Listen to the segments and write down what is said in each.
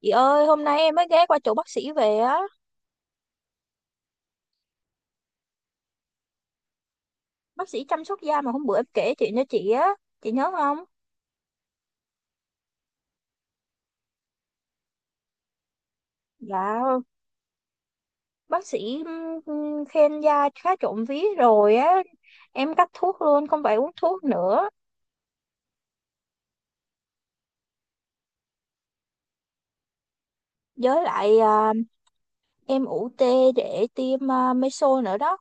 Chị ơi, hôm nay em mới ghé qua chỗ bác sĩ về á, bác sĩ chăm sóc da mà hôm bữa em kể chuyện cho chị á, chị nhớ không? Dạ, bác sĩ khen da khá trộm vía rồi á, em cắt thuốc luôn, không phải uống thuốc nữa. Với lại à, em ủ tê để tiêm à, meso nữa đó,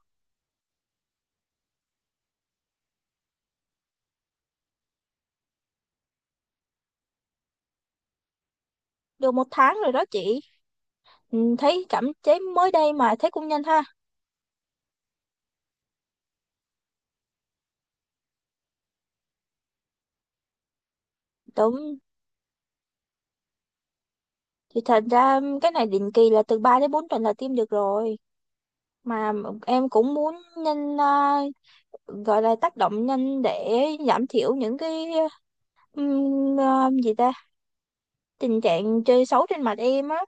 được một tháng rồi đó chị. Thấy cảm chế mới đây mà thấy cũng nhanh ha. Đúng, thì thật ra cái này định kỳ là từ 3 đến 4 tuần là tiêm được rồi. Mà em cũng muốn nhanh à, gọi là tác động nhanh để giảm thiểu những cái gì ta, tình trạng chơi xấu trên mặt em á.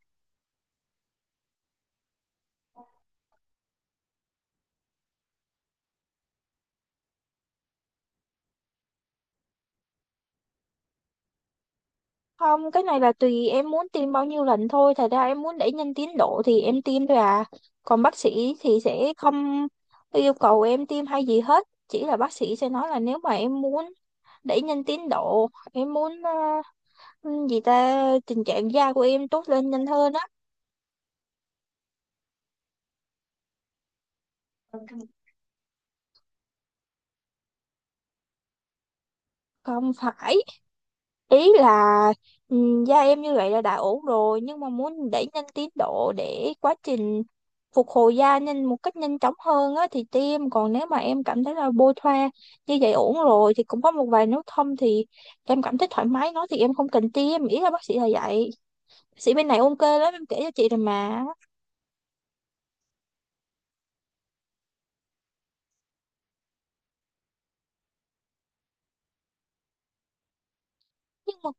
Không, cái này là tùy em muốn tiêm bao nhiêu lần thôi, thật ra em muốn đẩy nhanh tiến độ thì em tiêm thôi à, còn bác sĩ thì sẽ không yêu cầu em tiêm hay gì hết, chỉ là bác sĩ sẽ nói là nếu mà em muốn đẩy nhanh tiến độ, em muốn à, gì ta, tình trạng da của em tốt lên nhanh hơn á. Không phải, ý là da em như vậy là đã ổn rồi, nhưng mà muốn đẩy nhanh tiến độ để quá trình phục hồi da nhanh một cách nhanh chóng hơn á thì tiêm, còn nếu mà em cảm thấy là bôi thoa như vậy ổn rồi thì cũng có một vài nốt thâm, thì em cảm thấy thoải mái nó thì em không cần tiêm, ý là bác sĩ là vậy. Bác sĩ bên này ok lắm, em kể cho chị rồi mà. Nhưng mà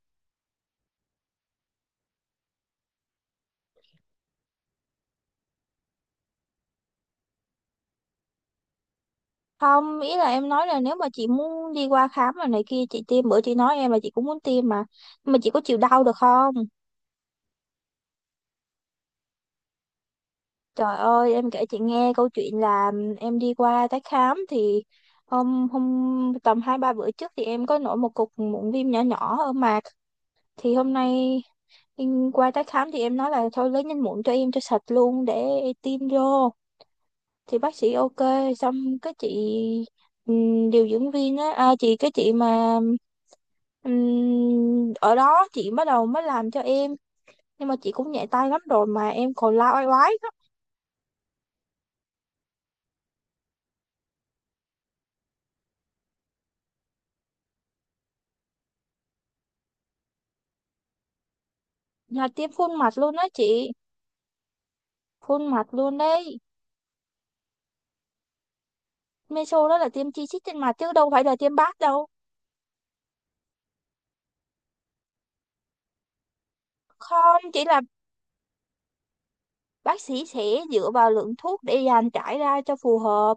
không, ý là em nói là nếu mà chị muốn đi qua khám rồi này kia chị tiêm, bữa chị nói em là chị cũng muốn tiêm mà. Nhưng mà chị có chịu đau được không? Trời ơi, em kể chị nghe câu chuyện là em đi qua tái khám thì hôm hôm tầm hai ba bữa trước thì em có nổi một cục mụn viêm nhỏ nhỏ ở mặt, thì hôm nay em qua tái khám thì em nói là thôi lấy nhanh mụn cho em cho sạch luôn để tiêm vô, thì bác sĩ ok, xong cái chị điều dưỡng viên á à, chị cái chị mà ở đó chị bắt đầu mới làm cho em, nhưng mà chị cũng nhẹ tay lắm rồi mà em còn la oai oái lắm. Là tiêm khuôn mặt luôn á chị, phun mặt luôn đấy, meso đó là tiêm chi chít trên mặt chứ đâu phải là tiêm bát đâu. Không, chỉ là bác sĩ sẽ dựa vào lượng thuốc để dàn trải ra cho phù hợp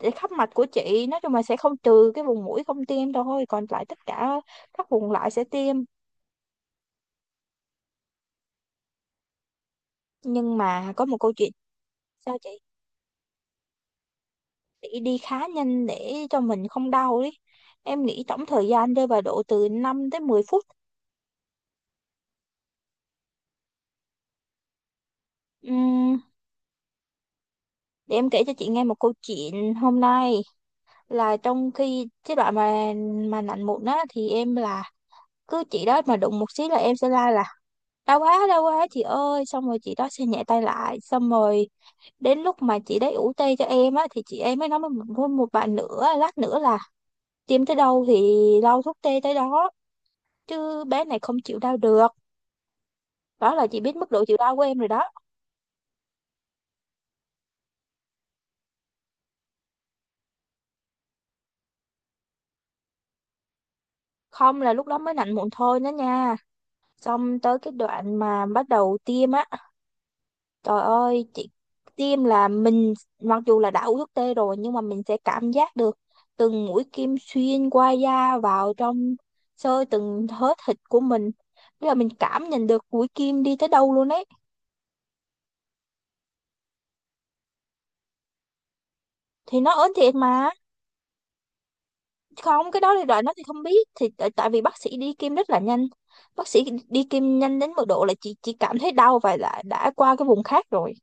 để khắp mặt của chị, nói chung là sẽ không, trừ cái vùng mũi không tiêm thôi, còn lại tất cả các vùng lại sẽ tiêm. Nhưng mà có một câu chuyện. Sao chị? Chị đi khá nhanh để cho mình không đau đi, em nghĩ tổng thời gian rơi vào độ từ 5 tới 10 phút. Ừm, để em kể cho chị nghe một câu chuyện hôm nay, là trong khi cái đoạn mà lạnh mụn á thì em là cứ chị đó mà đụng một xíu là em sẽ la là đau quá, đau quá chị ơi, xong rồi chị đó sẽ nhẹ tay lại, xong rồi đến lúc mà chị đấy ủ tê cho em á thì chị em mới nói với một bạn nữa lát nữa là tiêm tới đâu thì lau thuốc tê tới đó, chứ bé này không chịu đau được. Đó là chị biết mức độ chịu đau của em rồi đó. Không, là lúc đó mới nạnh mụn thôi đó nha, xong tới cái đoạn mà bắt đầu tiêm á, trời ơi chị, tiêm là mình mặc dù là đã uống thuốc tê rồi nhưng mà mình sẽ cảm giác được từng mũi kim xuyên qua da vào trong, xơ từng thớ thịt của mình. Tức là mình cảm nhận được mũi kim đi tới đâu luôn ấy. Thì nó ớn thiệt mà. Không, cái đó thì đợi nó thì không biết. Thì tại tại vì bác sĩ đi kim rất là nhanh. Bác sĩ đi kim nhanh đến mức độ là chị chỉ cảm thấy đau và đã qua cái vùng khác rồi.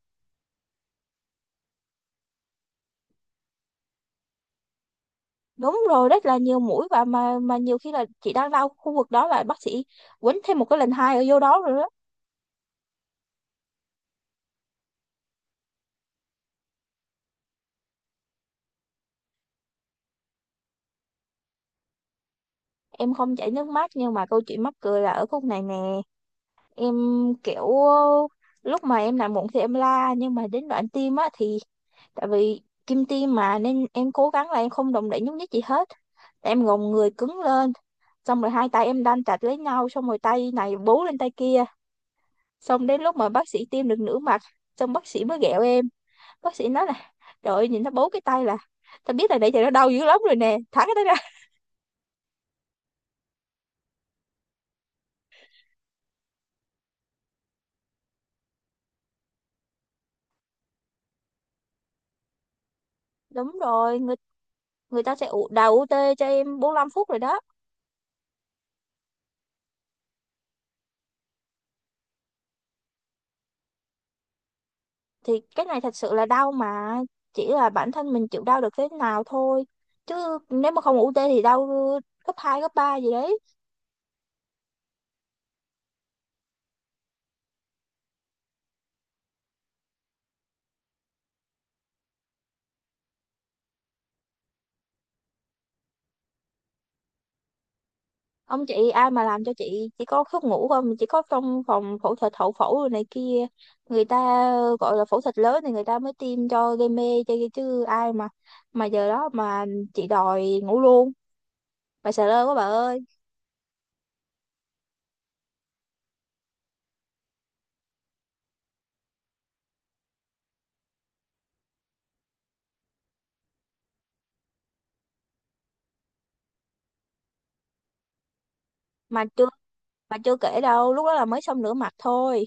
Đúng rồi, rất là nhiều mũi, và mà nhiều khi là chị đang đau khu vực đó là bác sĩ quýnh thêm một cái lần hai ở vô đó rồi đó. Em không chảy nước mắt, nhưng mà câu chuyện mắc cười là ở khúc này nè, em kiểu lúc mà em làm mụn thì em la, nhưng mà đến đoạn tim á thì tại vì kim tim mà nên em cố gắng là em không động đậy nhúc nhích gì hết, em gồng người cứng lên, xong rồi hai tay em đan chặt lấy nhau, xong rồi tay này bú lên tay kia, xong đến lúc mà bác sĩ tiêm được nửa mặt, xong bác sĩ mới ghẹo em. Bác sĩ nói là trời ơi, nhìn nó bốn cái tay là tao biết là nãy giờ nó đau dữ lắm rồi nè, thả cái đó ra. Đúng rồi, người người ta sẽ ụ đào UT cho em 45 phút rồi đó. Thì cái này thật sự là đau mà, chỉ là bản thân mình chịu đau được thế nào thôi, chứ nếu mà không UT thì đau gấp 2 gấp ba gì đấy. Ông chị, ai mà làm cho chị, chỉ có thuốc ngủ không, chỉ có trong phòng phẫu thuật, hậu phẫu rồi này kia, người ta gọi là phẫu thuật lớn thì người ta mới tiêm cho, gây mê cho, chứ ai mà giờ đó mà chị đòi ngủ luôn, bà sợ lơ quá bà ơi. Mà chưa mà chưa kể đâu, lúc đó là mới xong nửa mặt thôi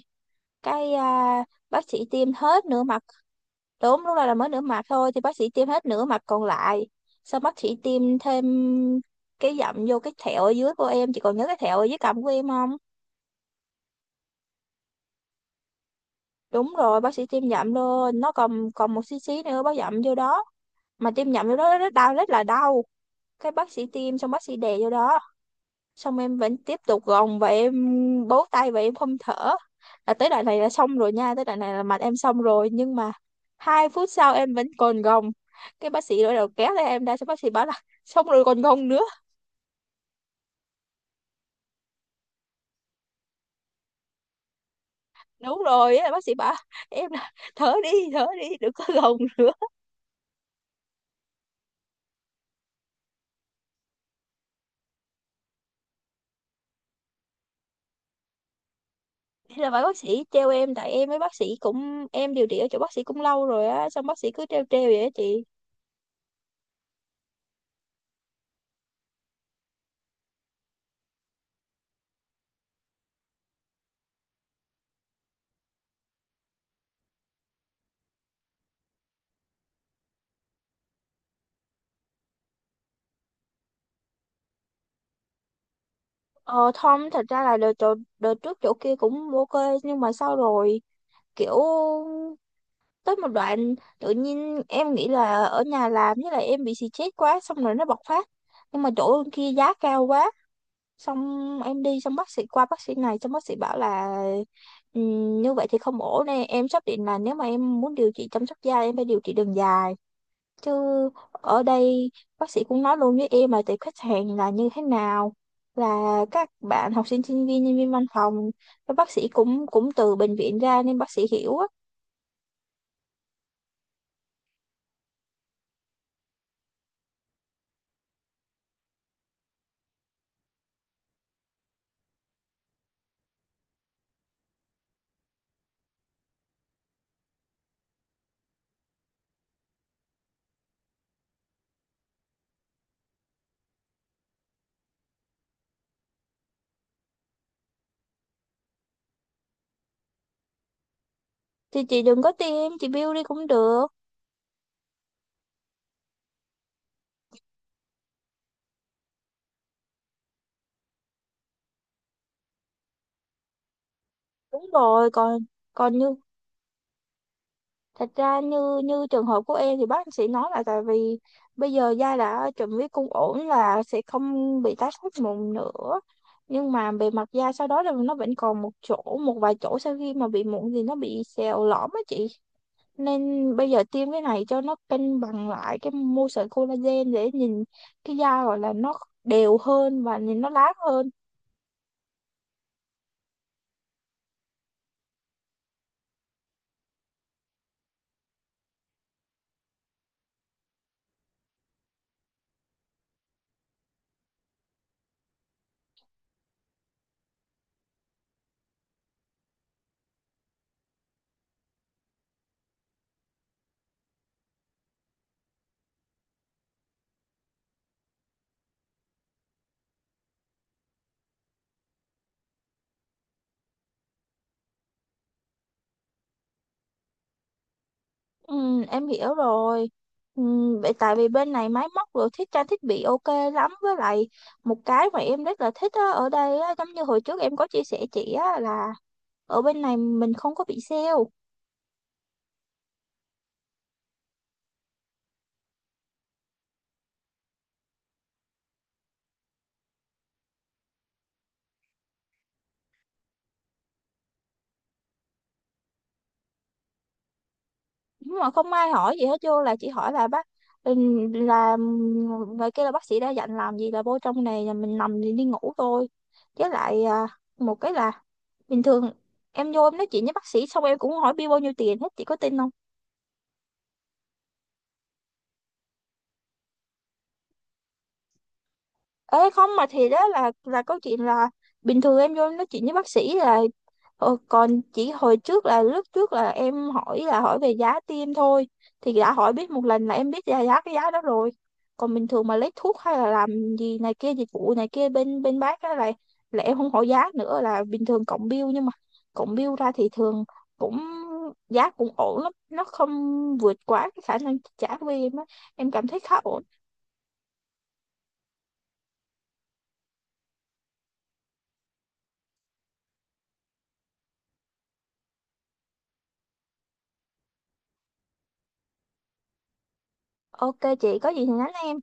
cái à, bác sĩ tiêm hết nửa mặt. Đúng, lúc đó là mới nửa mặt thôi thì bác sĩ tiêm hết nửa mặt còn lại, sau bác sĩ tiêm thêm cái dặm vô cái thẹo ở dưới của em, chị còn nhớ cái thẹo ở dưới cằm của em không? Đúng rồi, bác sĩ tiêm dặm vô nó, còn còn một xí xí nữa bác dặm vô đó, mà tiêm dặm vô đó rất đau, rất là đau. Cái bác sĩ tiêm xong bác sĩ đè vô đó, xong em vẫn tiếp tục gồng và em bấu tay và em không thở, là tới đoạn này là xong rồi nha, tới đoạn này là mặt em xong rồi, nhưng mà 2 phút sau em vẫn còn gồng. Cái bác sĩ bắt đầu kéo tay em ra, xong bác sĩ bảo là xong rồi còn gồng nữa. Đúng rồi á, bác sĩ bảo em là thở đi, thở đi, đừng có gồng nữa. Thế là bà bác sĩ treo em, tại em với bác sĩ cũng, em điều trị ở chỗ bác sĩ cũng lâu rồi á, xong bác sĩ cứ treo treo vậy á chị. Ờ Tom thật ra là đợt trước chỗ kia cũng ok, nhưng mà sau rồi kiểu tới một đoạn tự nhiên em nghĩ là ở nhà làm, với lại em bị stress quá xong rồi nó bộc phát, nhưng mà chỗ kia giá cao quá, xong em đi xong bác sĩ qua bác sĩ này xong bác sĩ bảo là như vậy thì không ổn nè em, xác định là nếu mà em muốn điều trị chăm sóc da em phải điều trị đường dài chứ, ở đây bác sĩ cũng nói luôn với em là tệp khách hàng là như thế nào, là các bạn học sinh sinh viên, nhân viên văn phòng, các bác sĩ cũng cũng từ bệnh viện ra nên bác sĩ hiểu á. Thì chị đừng có tiêm, chị bill đi cũng được. Đúng rồi, còn còn như thật ra như như trường hợp của em thì bác sĩ nói là tại vì bây giờ da đã chuẩn bị cung ổn là sẽ không bị tái phát mụn nữa, nhưng mà bề mặt da sau đó là nó vẫn còn một chỗ, một vài chỗ sau khi mà bị mụn thì nó bị sẹo lõm á chị, nên bây giờ tiêm cái này cho nó cân bằng lại cái mô sợi collagen để nhìn cái da, gọi là nó đều hơn và nhìn nó láng hơn. Ừ, em hiểu rồi. Ừ, vậy tại vì bên này máy móc rồi thiết, trang thiết bị ok lắm, với lại một cái mà em rất là thích á, ở đây á, giống như hồi trước em có chia sẻ chị á, là ở bên này mình không có bị sale, nhưng mà không ai hỏi gì hết, vô là chỉ hỏi là bác ừ, là người kia là bác sĩ đã dặn làm gì, là vô trong này là mình nằm thì đi ngủ thôi. Với lại à, một cái là bình thường em vô em nói chuyện với bác sĩ xong em cũng hỏi bill bao nhiêu tiền hết, chị có tin không? Ê không mà, thì đó là câu chuyện là bình thường em vô em nói chuyện với bác sĩ là còn chỉ hồi trước là lúc trước là em hỏi là hỏi về giá tiêm thôi, thì đã hỏi biết một lần là em biết giá, cái giá đó rồi. Còn bình thường mà lấy thuốc hay là làm gì này kia, dịch vụ này kia bên bên bác á, là em không hỏi giá nữa, là bình thường cộng bill, nhưng mà cộng bill ra thì thường cũng giá cũng ổn lắm, nó không vượt quá cái khả năng chi trả của em á, em cảm thấy khá ổn. Ok chị, có gì thì nhắn em.